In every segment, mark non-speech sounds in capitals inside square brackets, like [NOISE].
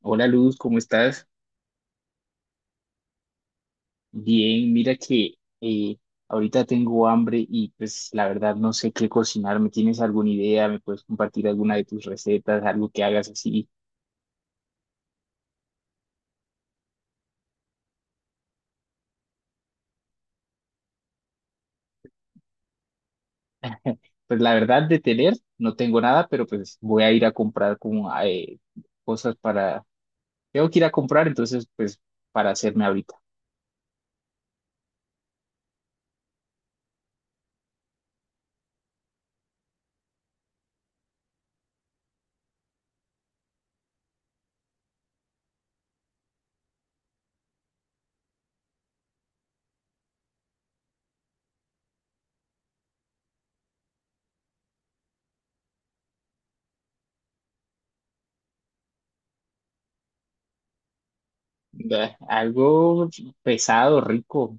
Hola Luz, ¿cómo estás? Bien, mira que eh, ahorita tengo hambre y pues la verdad no sé qué cocinar. ¿Me tienes alguna idea? ¿Me puedes compartir alguna de tus recetas? Algo que hagas así. Pues la verdad de tener no tengo nada, pero pues voy a ir a comprar como cosas para... Tengo que ir a comprar, entonces pues para hacerme ahorita. Bah, algo pesado, rico.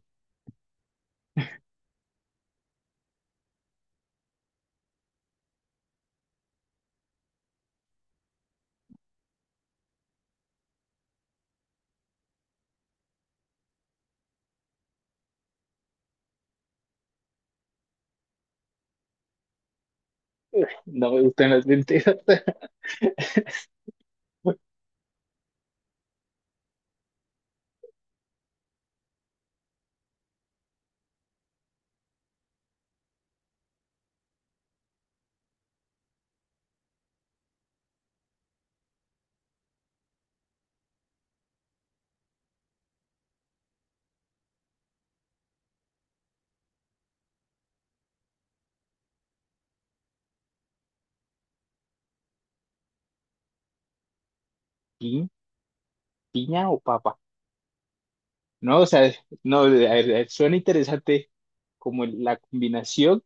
No me gustan las lentejas. [LAUGHS] Pi- ¿Piña o papa? No, o sea, no, a ver, suena interesante, como la combinación,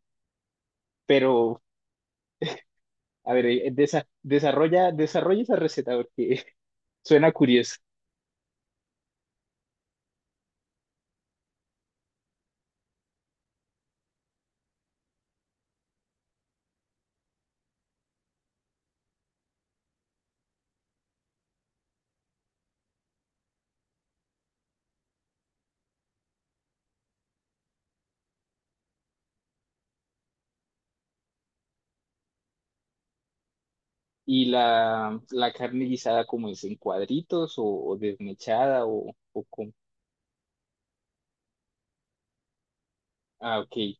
pero a ver, desarrolla, desarrolla esa receta porque [LAUGHS] suena curioso. Y la carne guisada, como es? ¿En cuadritos o desmechada o con... Ah, ok.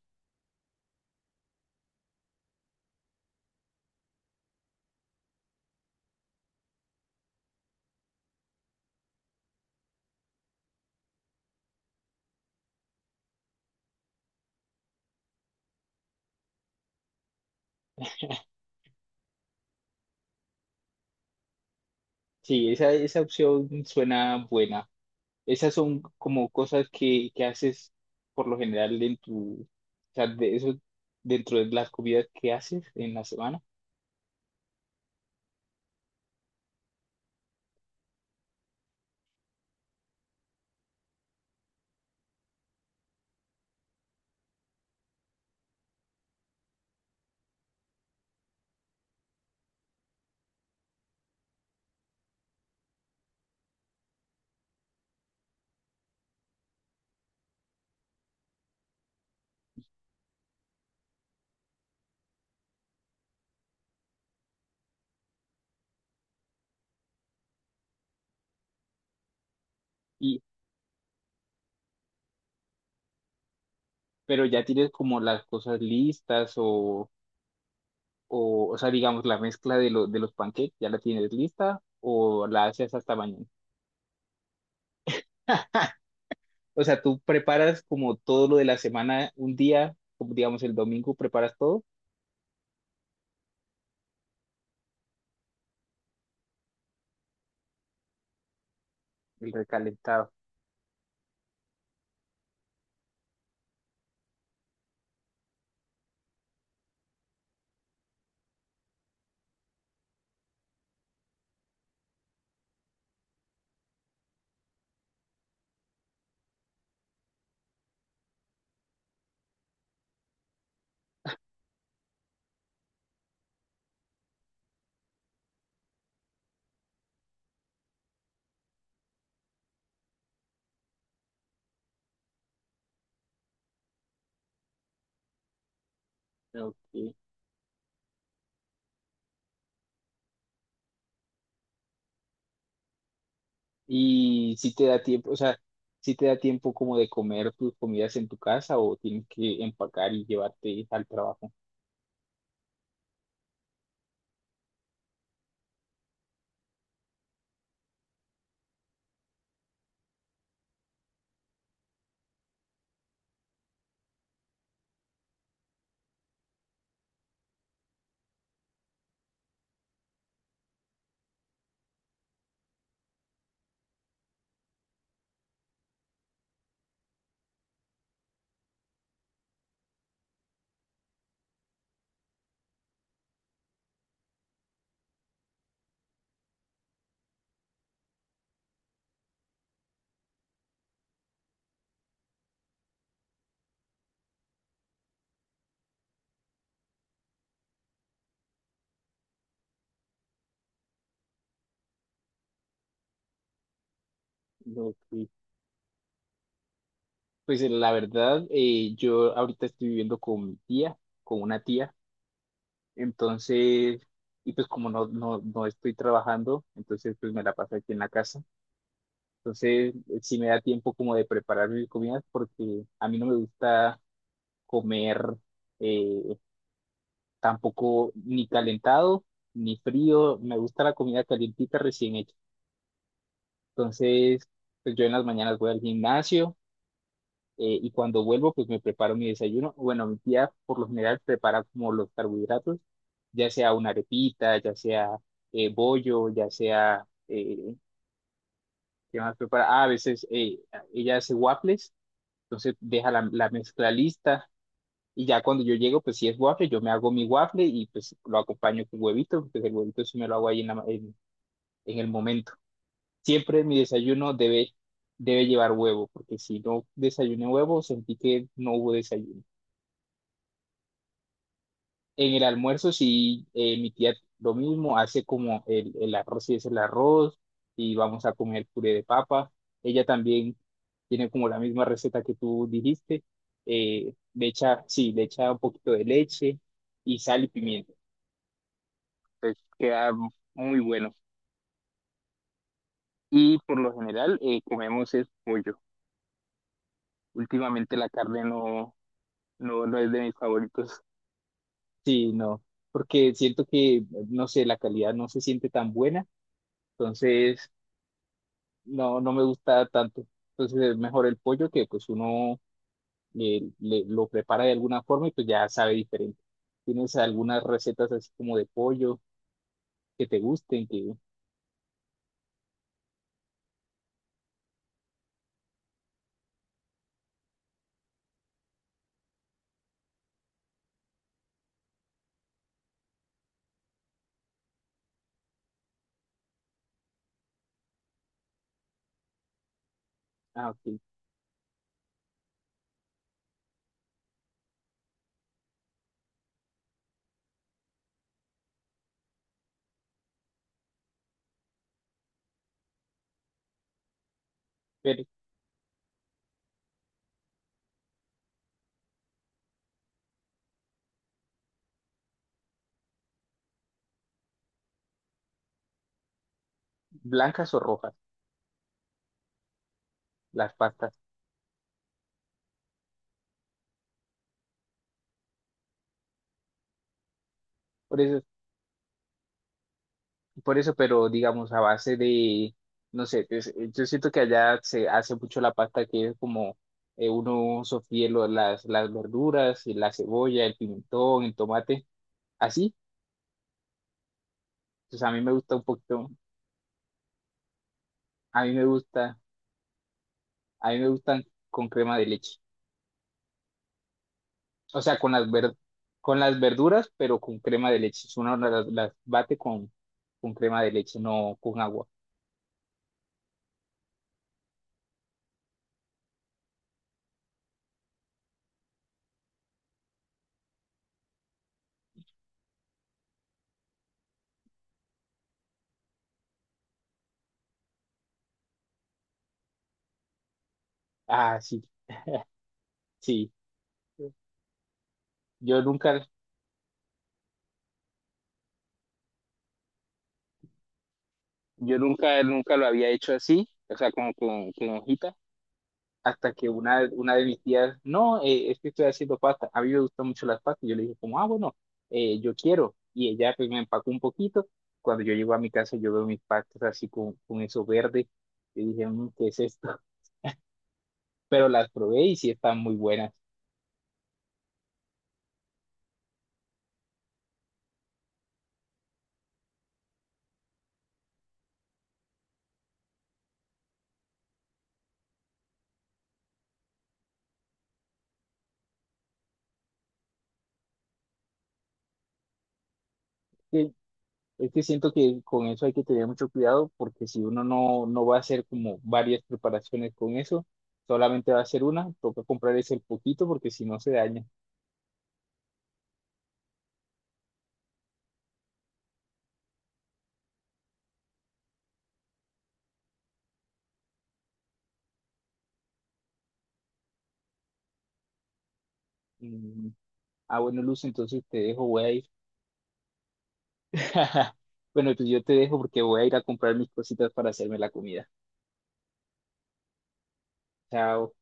Sí, esa opción suena buena. Esas son como cosas que haces por lo general en tu... O sea, de eso dentro de las comidas que haces en la semana. Y, pero ya tienes como las cosas listas o sea, digamos, la mezcla de, de los pancakes, ¿ya la tienes lista o la haces hasta mañana? [LAUGHS] O sea, tú preparas como todo lo de la semana un día, como digamos el domingo, preparas todo, el recalentado. Ok. Y si te da tiempo, o sea, si te da tiempo como de comer tus comidas en tu casa o tienes que empacar y llevarte al trabajo. Ok. Pues la verdad, yo ahorita estoy viviendo con mi tía, con una tía. Entonces, y pues como no estoy trabajando, entonces pues me la paso aquí en la casa. Entonces, sí me da tiempo como de preparar mis comidas porque a mí no me gusta comer eh, tampoco ni calentado ni frío. Me gusta la comida calientita recién hecha. Entonces, pues yo en las mañanas voy al gimnasio, y cuando vuelvo, pues me preparo mi desayuno. Bueno, mi tía por lo general prepara como los carbohidratos, ya sea una arepita, ya sea, bollo, ya sea, ¿qué más prepara? Ah, a veces ella hace waffles, entonces deja la mezcla lista y ya cuando yo llego, pues si es waffle, yo me hago mi waffle y pues lo acompaño con huevito, pues el huevito sí me lo hago ahí en, en el momento. Siempre debe llevar huevo, porque si no desayuné huevo, sentí que no hubo desayuno. En el almuerzo sí, mi tía lo mismo, hace como el arroz, y es el arroz y vamos a comer puré de papa. Ella también tiene como la misma receta que tú dijiste. Le echa, sí, le echa un poquito de leche y sal y pimienta. Entonces queda muy bueno. Y por lo general comemos es pollo. Últimamente la carne no, no es de mis favoritos. Sí, no, porque siento que, no sé, la calidad no se siente tan buena. Entonces no me gusta tanto. Entonces es mejor el pollo, que pues uno lo prepara de alguna forma y pues ya sabe diferente. ¿Tienes algunas recetas así como de pollo que te gusten? Que, ah, ok. Pero, ¿blancas o rojas, las pastas? Por eso, por eso, pero digamos a base de, no sé, yo siento que allá se hace mucho la pasta, que es como, uno sofríe las verduras, y la cebolla, el pimentón, el tomate, así. Entonces a mí me gusta un poquito. A mí me gusta A mí me gustan con crema de leche. O sea, con las verduras, pero con crema de leche. Si uno las bate con crema de leche, no con agua. Ah, sí. [LAUGHS] Sí. Yo nunca, yo nunca, nunca lo había hecho así. O sea, como con hojitas, hasta que una de mis tías, no, es que estoy haciendo pasta, a mí me gustan mucho las pastas, yo le dije como, ah, bueno, yo quiero, y ella pues me empacó un poquito, cuando yo llego a mi casa yo veo mis pastas así con eso verde, y dije, "Mm, ¿qué es esto?" [LAUGHS] Pero las probé y sí están muy buenas. Sí, es que siento que con eso hay que tener mucho cuidado, porque si uno no, no va a hacer como varias preparaciones con eso, solamente va a hacer una, toca comprar ese poquito porque si no se daña. Mm, ah, bueno, Luz, entonces te dejo, voy a ir [LAUGHS] bueno, pues yo te dejo porque voy a ir a comprar mis cositas para hacerme la comida. Chao.